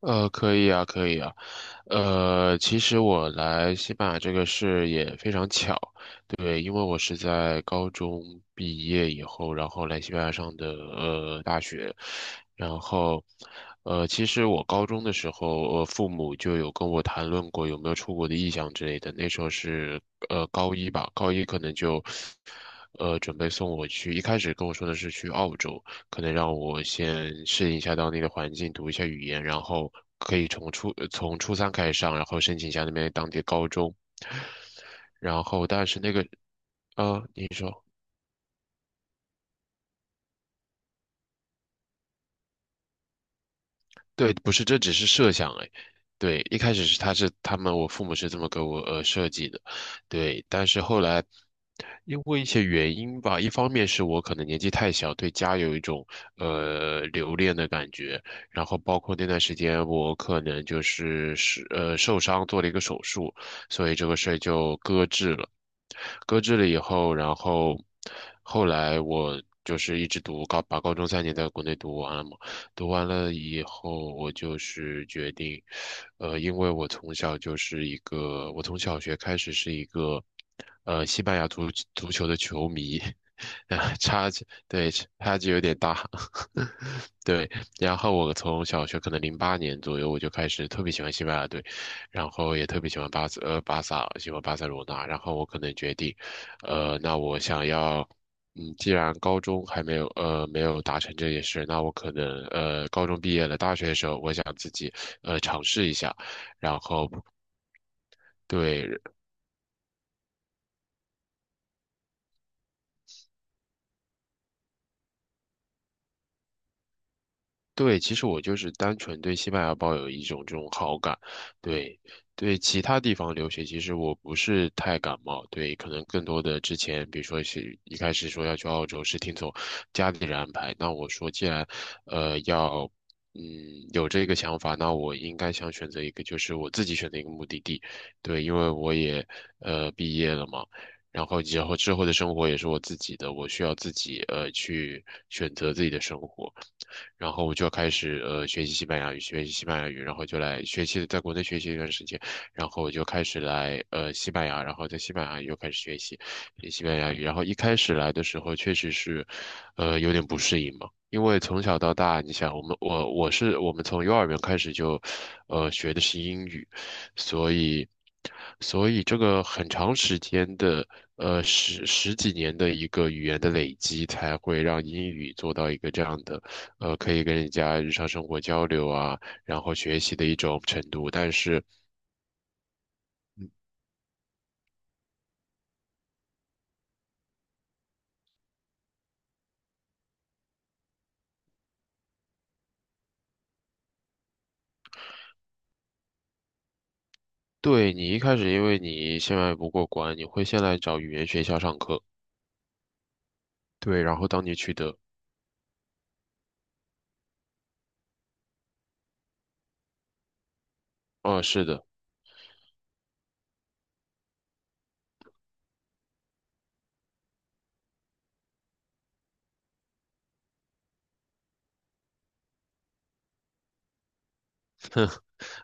可以啊，可以啊，其实我来西班牙这个事也非常巧，对，因为我是在高中毕业以后，然后来西班牙上的大学。然后，其实我高中的时候，父母就有跟我谈论过有没有出国的意向之类的。那时候是高一吧，高一可能就，准备送我去，一开始跟我说的是去澳洲。可能让我先适应一下当地的环境，读一下语言，然后可以从初三开始上，然后申请一下那边当地的高中，然后但是那个你说。对，不是，这只是设想哎。对，一开始是他是他们，我父母是这么给我设计的，对。但是后来因为一些原因吧，一方面是我可能年纪太小，对家有一种留恋的感觉，然后包括那段时间我可能就是受伤做了一个手术，所以这个事儿就搁置了。搁置了以后，然后后来我就是一直读高，把高中3年在国内读完了以后，我就是决定，因为我从小就是一个，我从小学开始是一个，西班牙足球的球迷，啊，差距，对，差距有点大，对。然后我从小学可能2008年左右我就开始特别喜欢西班牙队，然后也特别喜欢巴萨，喜欢巴塞罗那。然后我可能决定，那我想要。既然高中还没有达成这件事，那我可能高中毕业了，大学的时候我想自己尝试一下，然后对，对，其实我就是单纯对西班牙抱有一种这种好感，对，对其他地方留学，其实我不是太感冒，对，可能更多的之前，比如说是一开始说要去澳洲，是听从家里人安排，那我说既然，要，嗯，有这个想法，那我应该想选择一个，就是我自己选择一个目的地，对，因为我也，毕业了嘛。然后以后之后的生活也是我自己的，我需要自己去选择自己的生活。然后我就开始学习西班牙语，学习西班牙语，然后就来学习，在国内学习一段时间，然后我就开始来西班牙，然后在西班牙又开始学西班牙语，然后一开始来的时候确实是，有点不适应嘛。因为从小到大，你想，我们我我是我们从幼儿园开始就，学的是英语，所以，所以这个很长时间的，十几年的一个语言的累积，才会让英语做到一个这样的，可以跟人家日常生活交流啊，然后学习的一种程度。但是，对你一开始，因为你现在不过关，你会先来找语言学校上课。对，然后当你取得，哦，是的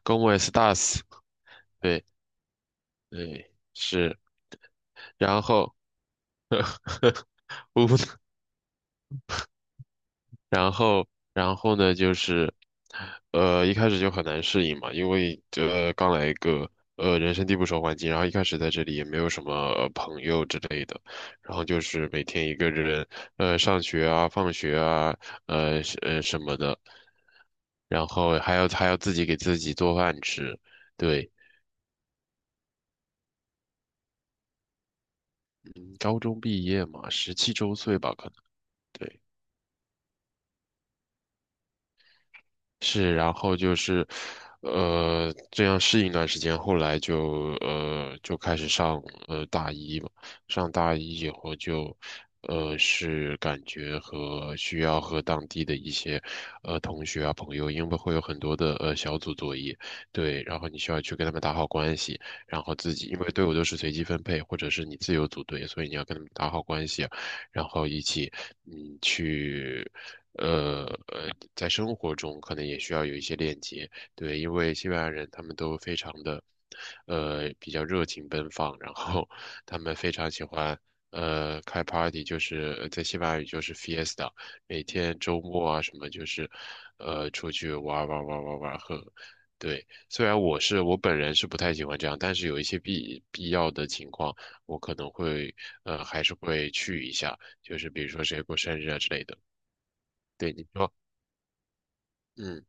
，como estás？对对是，然后 乌然后，然后呢，就是，一开始就很难适应嘛，因为刚来一个人生地不熟环境，然后一开始在这里也没有什么朋友之类的，然后就是每天一个人上学啊、放学啊，什么的，然后还要自己给自己做饭吃，对，高中毕业嘛，17周岁吧，可能。对。是，然后就是，这样适应一段时间，后来就开始上大一嘛，上大一以后就，是感觉和需要和当地的一些同学啊朋友，因为会有很多的小组作业，对，然后你需要去跟他们打好关系，然后自己因为队伍都是随机分配或者是你自由组队，所以你要跟他们打好关系啊然后一起去。呃呃，在生活中可能也需要有一些链接，对，因为西班牙人他们都非常的，比较热情奔放，然后他们非常喜欢，开 party，就是在西班牙语就是 fiesta，每天周末啊什么就是，出去玩儿玩儿玩儿玩儿玩儿喝，对，虽然我本人是不太喜欢这样，但是有一些必要的情况，我可能会，还是会去一下。就是比如说谁过生日啊之类的。对，你说，嗯，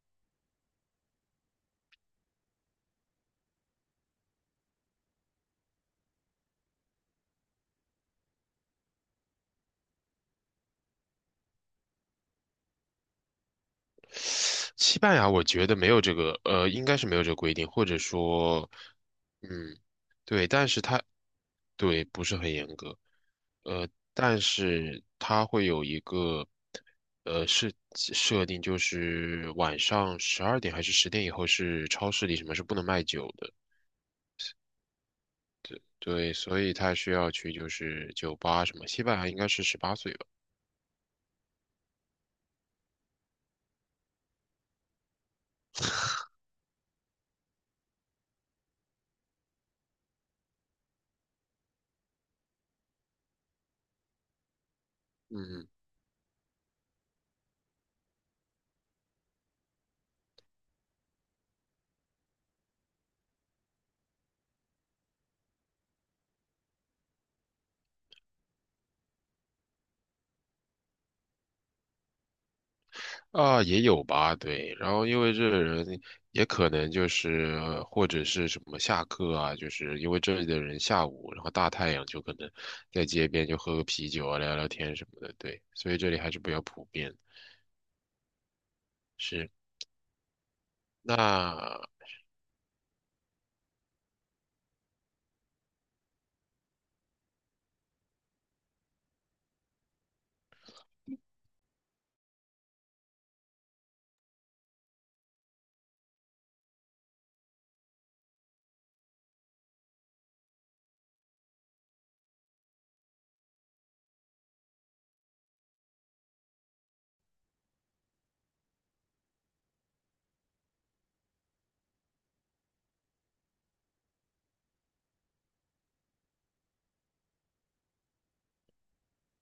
西班牙我觉得没有这个，应该是没有这个规定，或者说，嗯，对，但是它对不是很严格，呃，但是它会有一个，是设定就是晚上12点还是10点以后是超市里什么是不能卖酒的，对，所以他需要去就是酒吧什么，西班牙应该是18岁吧，嗯。啊，也有吧，对。然后因为这人也可能就是或者是什么下课啊，就是因为这里的人下午，然后大太阳就可能在街边就喝个啤酒啊，聊聊天什么的，对。所以这里还是比较普遍。是，那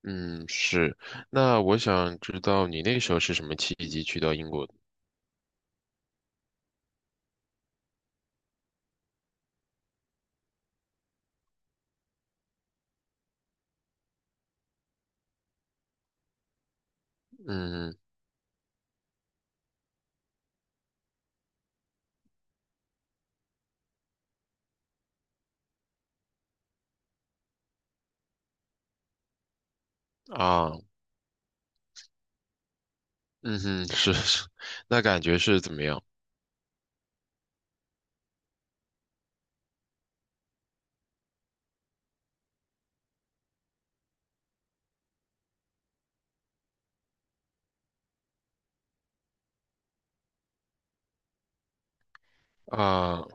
嗯是，那我想知道你那时候是什么契机去到英国的？嗯啊，嗯哼，是是，那感觉是怎么样啊？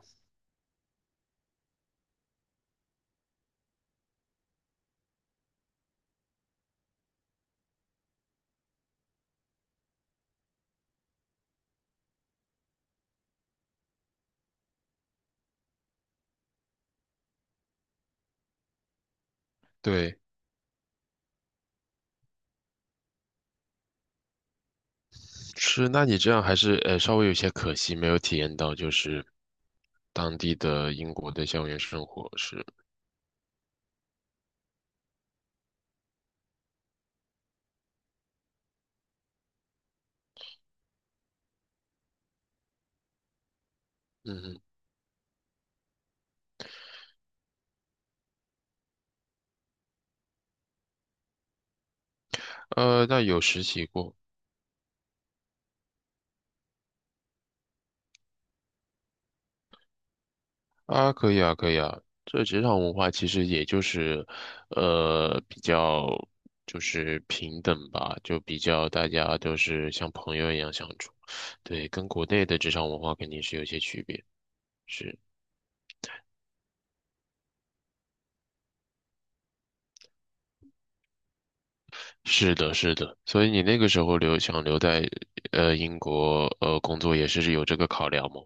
对。是，那你这样还是稍微有些可惜，没有体验到就是当地的英国的校园生活是，嗯哼，那有实习过啊，可以啊，可以啊。这职场文化其实也就是，比较就是平等吧，就比较大家都是像朋友一样相处，对，跟国内的职场文化肯定是有些区别，是。是的，是的，所以你那个时候想留在英国工作也是有这个考量吗？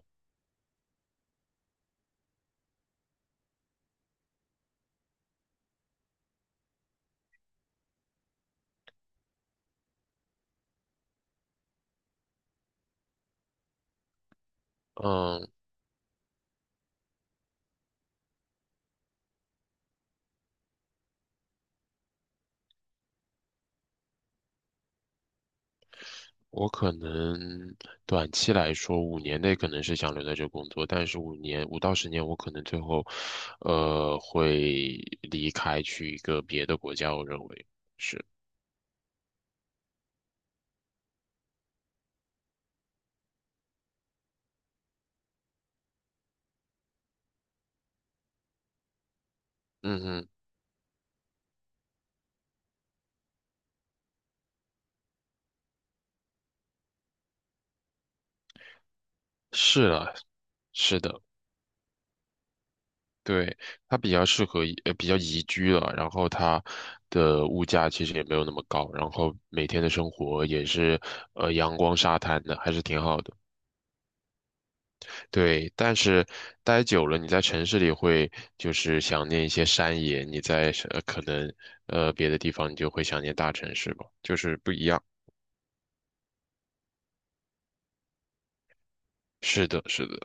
嗯，我可能短期来说5年内可能是想留在这工作，但是5到10年我可能最后会离开去一个别的国家，我认为是，嗯嗯，是啊，是的。对，它比较适合宜呃，比较宜居了，然后它的物价其实也没有那么高，然后每天的生活也是，阳光沙滩的，还是挺好的。对，但是待久了，你在城市里会就是想念一些山野，你在可能别的地方你就会想念大城市吧，就是不一样。是的，是的。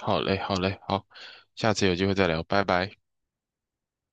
好嘞，好嘞，好，下次有机会再聊，拜拜。